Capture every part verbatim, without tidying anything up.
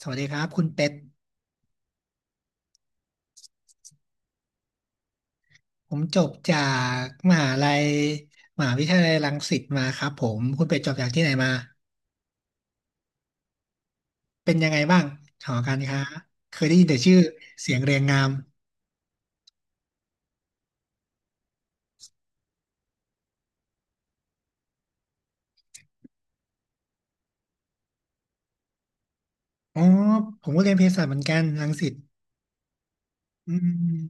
สวัสดีครับคุณเป็ดผมจบจากมหาลัยมหาวิทยาลัยรังสิตมาครับผมคุณเป็ดจบจากที่ไหนมาเป็นยังไงบ้างหอการค้าเคยได้ยินแต่ชื่อเสียงเรียงงามอ๋อผมก็เรียนเภสัชเหมือนกันรังสิตอืม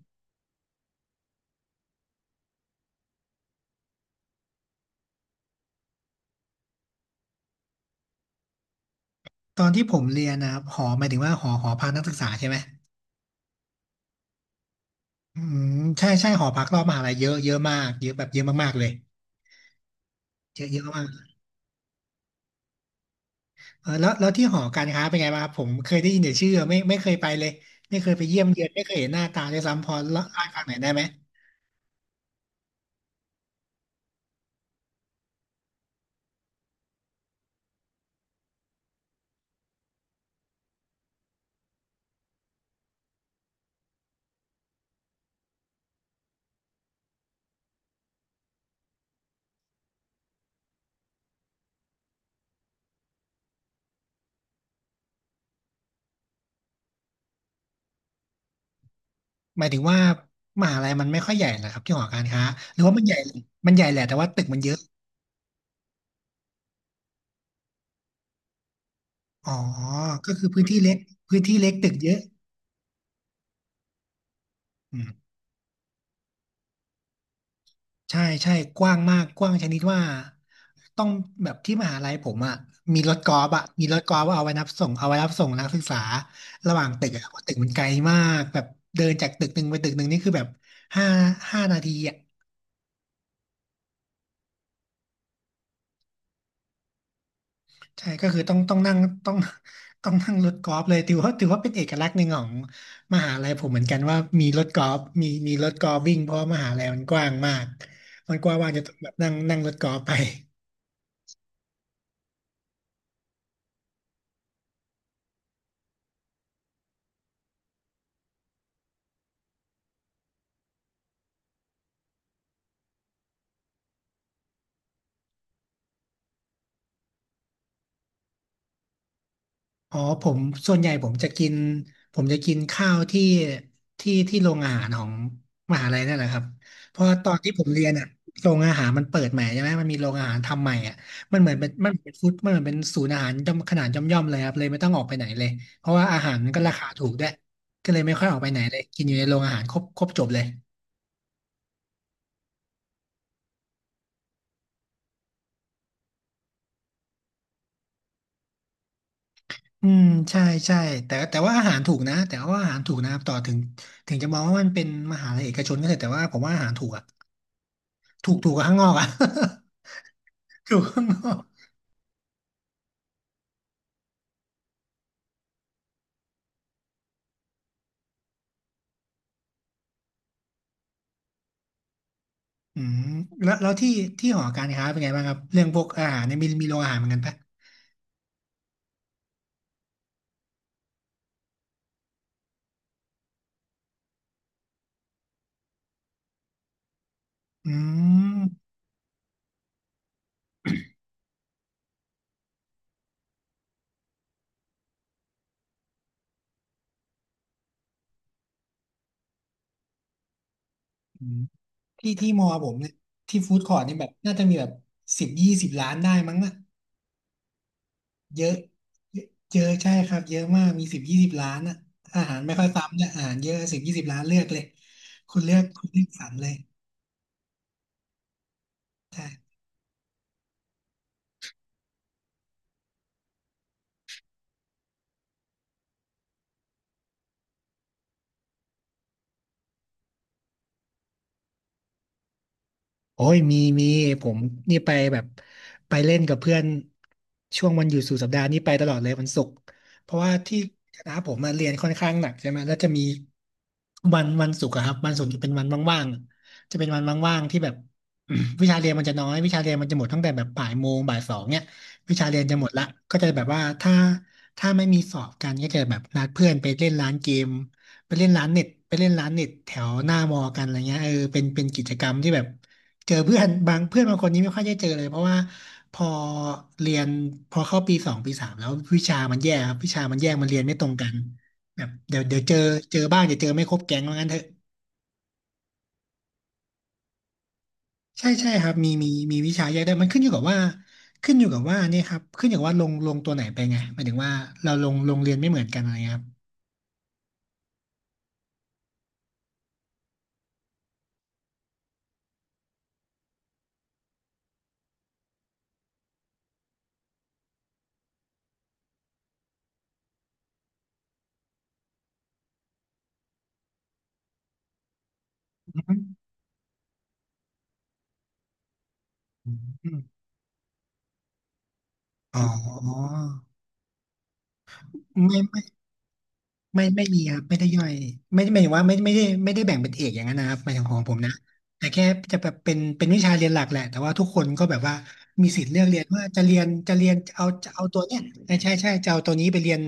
ตอนที่ผมเรียนนะครับหอหมายถึงว่าหอหอพักนักศึกษาใช่ไหมอืมใช่ใช่หอพักรอบมหาลัยเยอะเยอะมากเยอะแบบเยอะมากๆเลยเยอะเยอะมาก เออแล้วแล้วที่หอการค้าเป็นไงบ้างครับผมเคยได้ยินแต่ชื่อไม่ไม่เคยไปเลยไม่เคยไปเยี่ยมเยือนไม่เคยเห็นหน้าตาเลยซ้ำพอเล่าาให้ฟังหน่อยได้ไหมหมายถึงว่ามหาลัยมันไม่ค่อยใหญ่เหรอครับที่หอการค้าหรือว่ามันใหญ่มันใหญ่แหละแต่ว่าตึกมันเยอะอ๋อก็คือพื้นที่เล็กพื้นที่เล็กตึกเยอะอืม ใช่ใช่กว้างมากกว้างชนิดว่าต้องแบบที่มหาลัยผมอ่ะมีรถกอล์ฟอ่ะมีรถกอล์ฟเอาไว้รับส่งเอาไว้รับส่งนักศึกษาระหว่างตึกอ่ะเพราะตึกมันไกลมากแบบเดินจากตึกหนึ่งไปตึกหนึ่งนี่คือแบบห้าห้านาทีอ่ะใช่ก็คือต้องต้องนั่งต้องต้องนั่งรถกอล์ฟเลยถือว่าถือว่าเป็นเอกลักษณ์หนึ่งของมหาลัยผมเหมือนกันว่ามีรถกอล์ฟมีมีรถกอล์ฟวิ่งเพราะมหาลัยมันกว้างมากมันกว้างว่างจะต้องแบบนั่งนั่งรถกอล์ฟไป อ๋อผมส่วนใหญ่ผมจะกินผมจะกินข้าวที่ที่ที่โรงอาหารของมหาลัยนั่นแหละครับเพราะตอนที่ผมเรียนอ่ะโรงอาหารมันเปิดใหม่ใช่ไหมมันมีโรงอาหารทำใหม่อ่ะมันเหมือนเป็นมันเหมือนเป็นฟู้ดมันเหมือนเป็นศูนย์อาหารย่อมขนาดย่อมย่อมเลยครับเลยไม่ต้องออกไปไหนเลยเพราะว่าอาหารมันก็ราคาถูกด้วยก็เลยไม่ค่อยออกไปไหนเลยกินอยู่ในโรงอาหารครบครบจบเลยอืมใช่ใช่แต่แต่ว่าอาหารถูกนะแต่ว่าอาหารถูกนะครับต่อถึงถึงจะมองว่ามันเป็นมหาลัยเอกชนก็เถอะแต่ว่าผมว่าอาหารถูกอ่ะถูกถูกกว่าข้างนอกอ่ะ อยู่ข้างนอกอืมแล้วแล้วที่ที่หอการค้าเป็นไงบ้างครับเรื่องพวกอาหารเนี่ยมีมีโรงอาหารเหมือนกันปะอืมอืมที่ที่มอผมเนี่ยที่ฟู้ดคอร์ทนี่แบบน่าจะมีแบบสิบยี่สิบล้านได้มั้งอะเยอะเยอะใช่ครับเยอะมากมีสิบยี่สิบล้านอะอาหารไม่ค่อยซ้ำเนี่ยอาหารเยอะสิบยี่สิบล้านเลือกเลยคุณเลือกคุณเลือกสรรเลยใช่ โอ้ยมีมีผมนี่ไปแบบไปเล่นกับเพื่อนช่วงวันหยุดสุดสัปดาห์นี่ไปตลอดเลยวันศุกร์เพราะว่าที่คณะผมมาเรียนค่อนข้างหนักใช่ไหมแล้วจะมีวันวันศุกร์อะครับวันศุกร์จะเป็นวันว่างๆจะเป็นวันว่างๆที่แบบ วิชาเรียนมันจะน้อยวิชาเรียนมันจะหมดตั้งแต่แบบบ่ายโมงบ่ายสองเนี่ยวิชาเรียนจะหมดละก็จะแบบว่าถ้าถ้าไม่มีสอบกันก็จะแบบนัดเพื่อนไปเล่นร้านเกมไปเล่นร้านเน็ตไปเล่นร้านเน็ตแถวหน้ามอกันอะไรเงี้ยเออเป็นเป็นกิจกรรมที่แบบ เจอเพื่อนบางเพื่อนบางคนนี้ไม่ค่อยได้เจอเลยเพราะว่าพอเรียนพอเข้าปีสองปีสามแล้ววิชามันแย่ครับวิชามันแยกมันเรียนไม่ตรงกันแบบเดี๋ยวเดี๋ยวเจอเจอบ้างเดี๋ยวเจอไม่ครบแก๊งว่างั้นเถอะใช่ใช่ครับมีมีมีวิชาแยกได้มันขึ้นอยู่กับว่าขึ้นอยู่กับว่านี่ครับขึ้นอยู่กับว่าลงลงตัวไหนไปไงหมายถึงว่าเราลงลงเรียนไม่เหมือนกันอะไรเงี้ยครับอืมออ๋อไม่ไม่ ไม่ไม่มีครับไม่ได้ย่อยไม่ไม่หมายถึงว่าไม่ไม่ได้ไม่ได้แบ่งเป็นเอกอย่างนั้นนะครับหมายถึงของผมนะแต่แค่จะแบบเป็นเป็นวิชาเรียนหลักแหละแต่ว่าทุกคนก็แบบว่ามีสิทธิ์เลือกเรียนว่าจะเรียนจะเรียนเอาจะเอาตัวเนี้ยใช่ใช่ใช่จะเอาตัวนี้ไปเรียน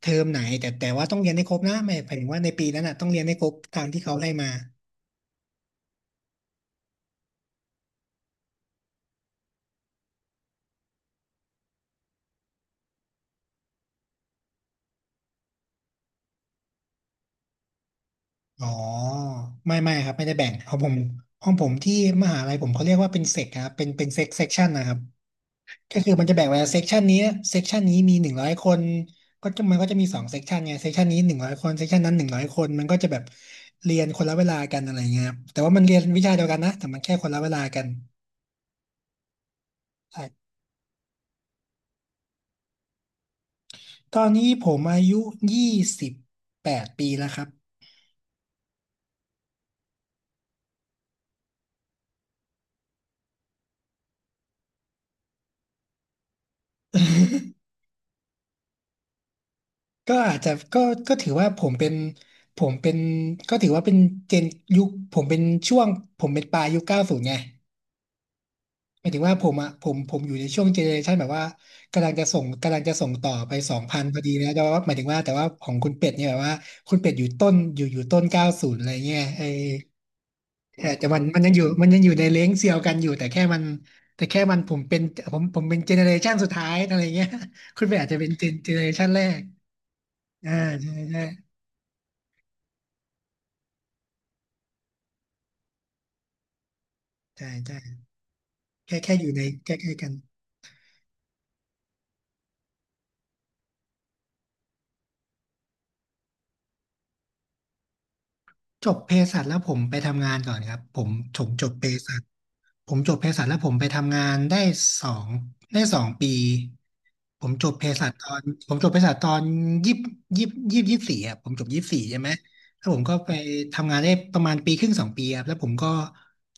เทอมไหนแต่แต่ว่าต้องเรียนให้ครบนะไม่หมายถึงว่าในปีนั้นน่ะต้องเรียนให้ครบตามที่เขาไห้มาอ๋อไม่ไม่ครับไม่ได้แบ่งของผมของผมที่มหาลัยผมเขาเรียกว่าเป็นเซกครับเป็นเป็นเซกเซกชันนะครับ ก็คือมันจะแบ่งไว้เซกชันนี้เซกชันนี้มีหนึ่งร้อยคน ก็จะมันก็จะมีสองเซกชันไงเซกชันนี้หนึ่งร้อยคนเซกชันนั้นหนึ่งร้อยคนมันก็จะแบบเรียนคนละเวลากันอะไรเงี้ยครับแต่ว่ามันเรียนวิชาเดียวกันนะแต่มันแค่คนละเวลากันใช่ตอนนี้ผมอายุยี่สิบแปดปีแล้วครับก็อาจจะก็ก็ถือว่าผมเป็นผมเป็นก็ถือว่าเป็นเจนยุคผมเป็นช่วงผมเป็นปลายยุคเก้าศูนย์ไง หมายถึงว่าผมอ่ะผมผมอยู่ในช่วงเจเนเรชันแบบว่ากำลังจะส่งกำลังจะส่งต่อไปสองพันพอดีนะแต่ว่าหมายถึงว่าแต่ว่าของคุณเป็ดเนี่ยแบบว่าคุณเป็ดอยู่ต้นอยู่อยู่ต้นเก้าศูนย์อะไรเงี้ยไอเออแต่มันมันยังอยู่มันยังอยู่ในเลนส์เซียวกันอยู่แต่แค่มันแต่แค่มันผมเป็นผมผมเป็นเจเนเรชันสุดท้ายอะไรเงี้ย คุณเป็ดอาจจะเป็นเจเนเรชันแรกอ่าใช่ใช่ใช่ใช่แค่แค่อยู่ในใกล้ๆกัน จบเภสัชแล้วผมไปทำงานก่อนครับผมผมจบเภสัชผมจบเภสัชแล้วผมไปทำงานได้สองได้สองปีผมจบเภสัชตอนผมจบเภสัชตอนยี่ยี่ยี่ยี่สี่อ่ะผมจบยี่สี่ใช่ไหมแล้วผมก็ไปทำงานได้ประมาณปีครึ่งสองปีครับแล้วผมก็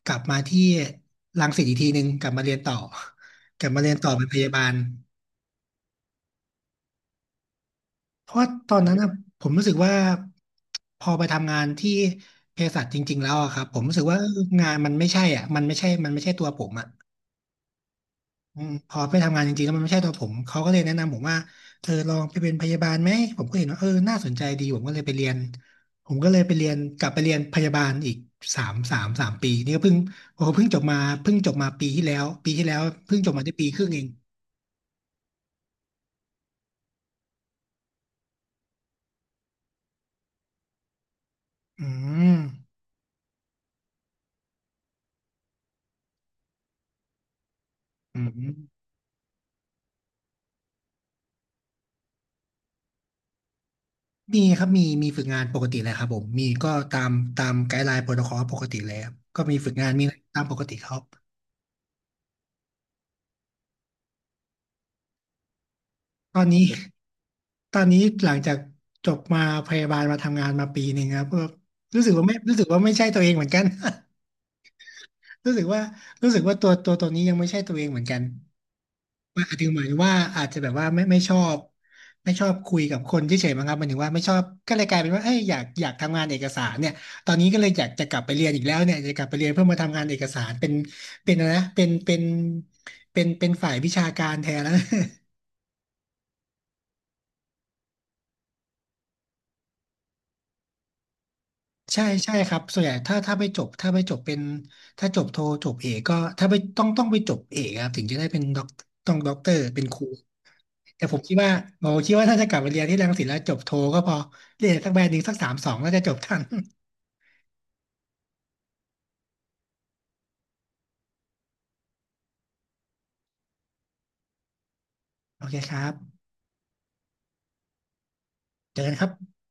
กลับมาที่รังสิตอีกทีหนึ่งกลับมาเรียนต่อกลับมาเรียนต่อเป็นพยาบาล เพราะว่าตอนนั้นนะผมรู้สึกว่าพอไปทำงานที่เภสัชจริงๆแล้วอะครับผมรู้สึกว่างานมันไม่ใช่อ่ะมันไม่ใช่มันไม่ใช่ตัวผมอ่ะอืมพอไปทำงานจริงๆแล้วมันไม่ใช่ตัวผมเขาก็เลยแนะนำผมว่าเธอลองไปเป็นพยาบาลไหมผมก็เห็นว่าเออน่าสนใจดีผมก็เลยไปเรียนผมก็เลยไปเรียนกลับไปเรียนพยาบาลอีกสามสามสามปีนี่ก็เพิ่งโอ้โหเพิ่งจบมาเพิ่งจบมาปีที่แล้วปีที่แล้วเพิ่งจบมาได้ปีครึ่งเองอืมอืม มีครับมีมีฝึกงานปกติเลยครับผมมีก็ตามตามไกด์ไลน์โปรโตคอลปกติเลยครับก็มีฝึกงานมีอะไรตามปกติครับตอนนี้ตอนนี้หลังจากจบมาพยาบาลมาทำงานมาปีหนึ่งครับก็รู้สึกว่าไม่รู้สึกว่าไม่ใช่ตัวเองเหมือนกัน รู้สึกว่ารู้สึกว่าตัวตัวตัวนี้ยังไม่ใช่ตัวเองเหมือนกันว่าอาจจะหมายถึงว่าอาจจะแบบว่าไม่ไม่ชอบไม่ชอบคุยกับคนเฉยๆมั้งครับหมายถึงว่าไม่ชอบก็เลยกลายเป็นว่าเอ้ยอยากอยากทำงานเอกสารเนี่ยตอนนี้ก็เลยอยากจะกลับไปเรียนอีกแล้วเนี่ยจะกลับไปเรียนเพื่อมาทำงานเอกสารเป็นเป็นอะไรนะเป็นเป็นเป็นเป็นฝ่ายวิชาการแทนแล้ว ใช่ใช่ครับส่วนใหญ่ถ้าถ้าไปจบถ้าไปจบเป็นถ้าจบโทจบเอกก็ถ้าไปต้องต้องไปจบเอกครับถึงจะได้เป็นด็อกต้องด็อกเตอร์เป็นครู แต่ผมคิดว่าผอคิดว่าถ้าจะกลับไปเรียนที่รังสิตแล้วจบโทก็พอเรียนสักแบรนด์หนึ่งสักสามสองน่าจะจบทัน โอเคครับเจอกันครับ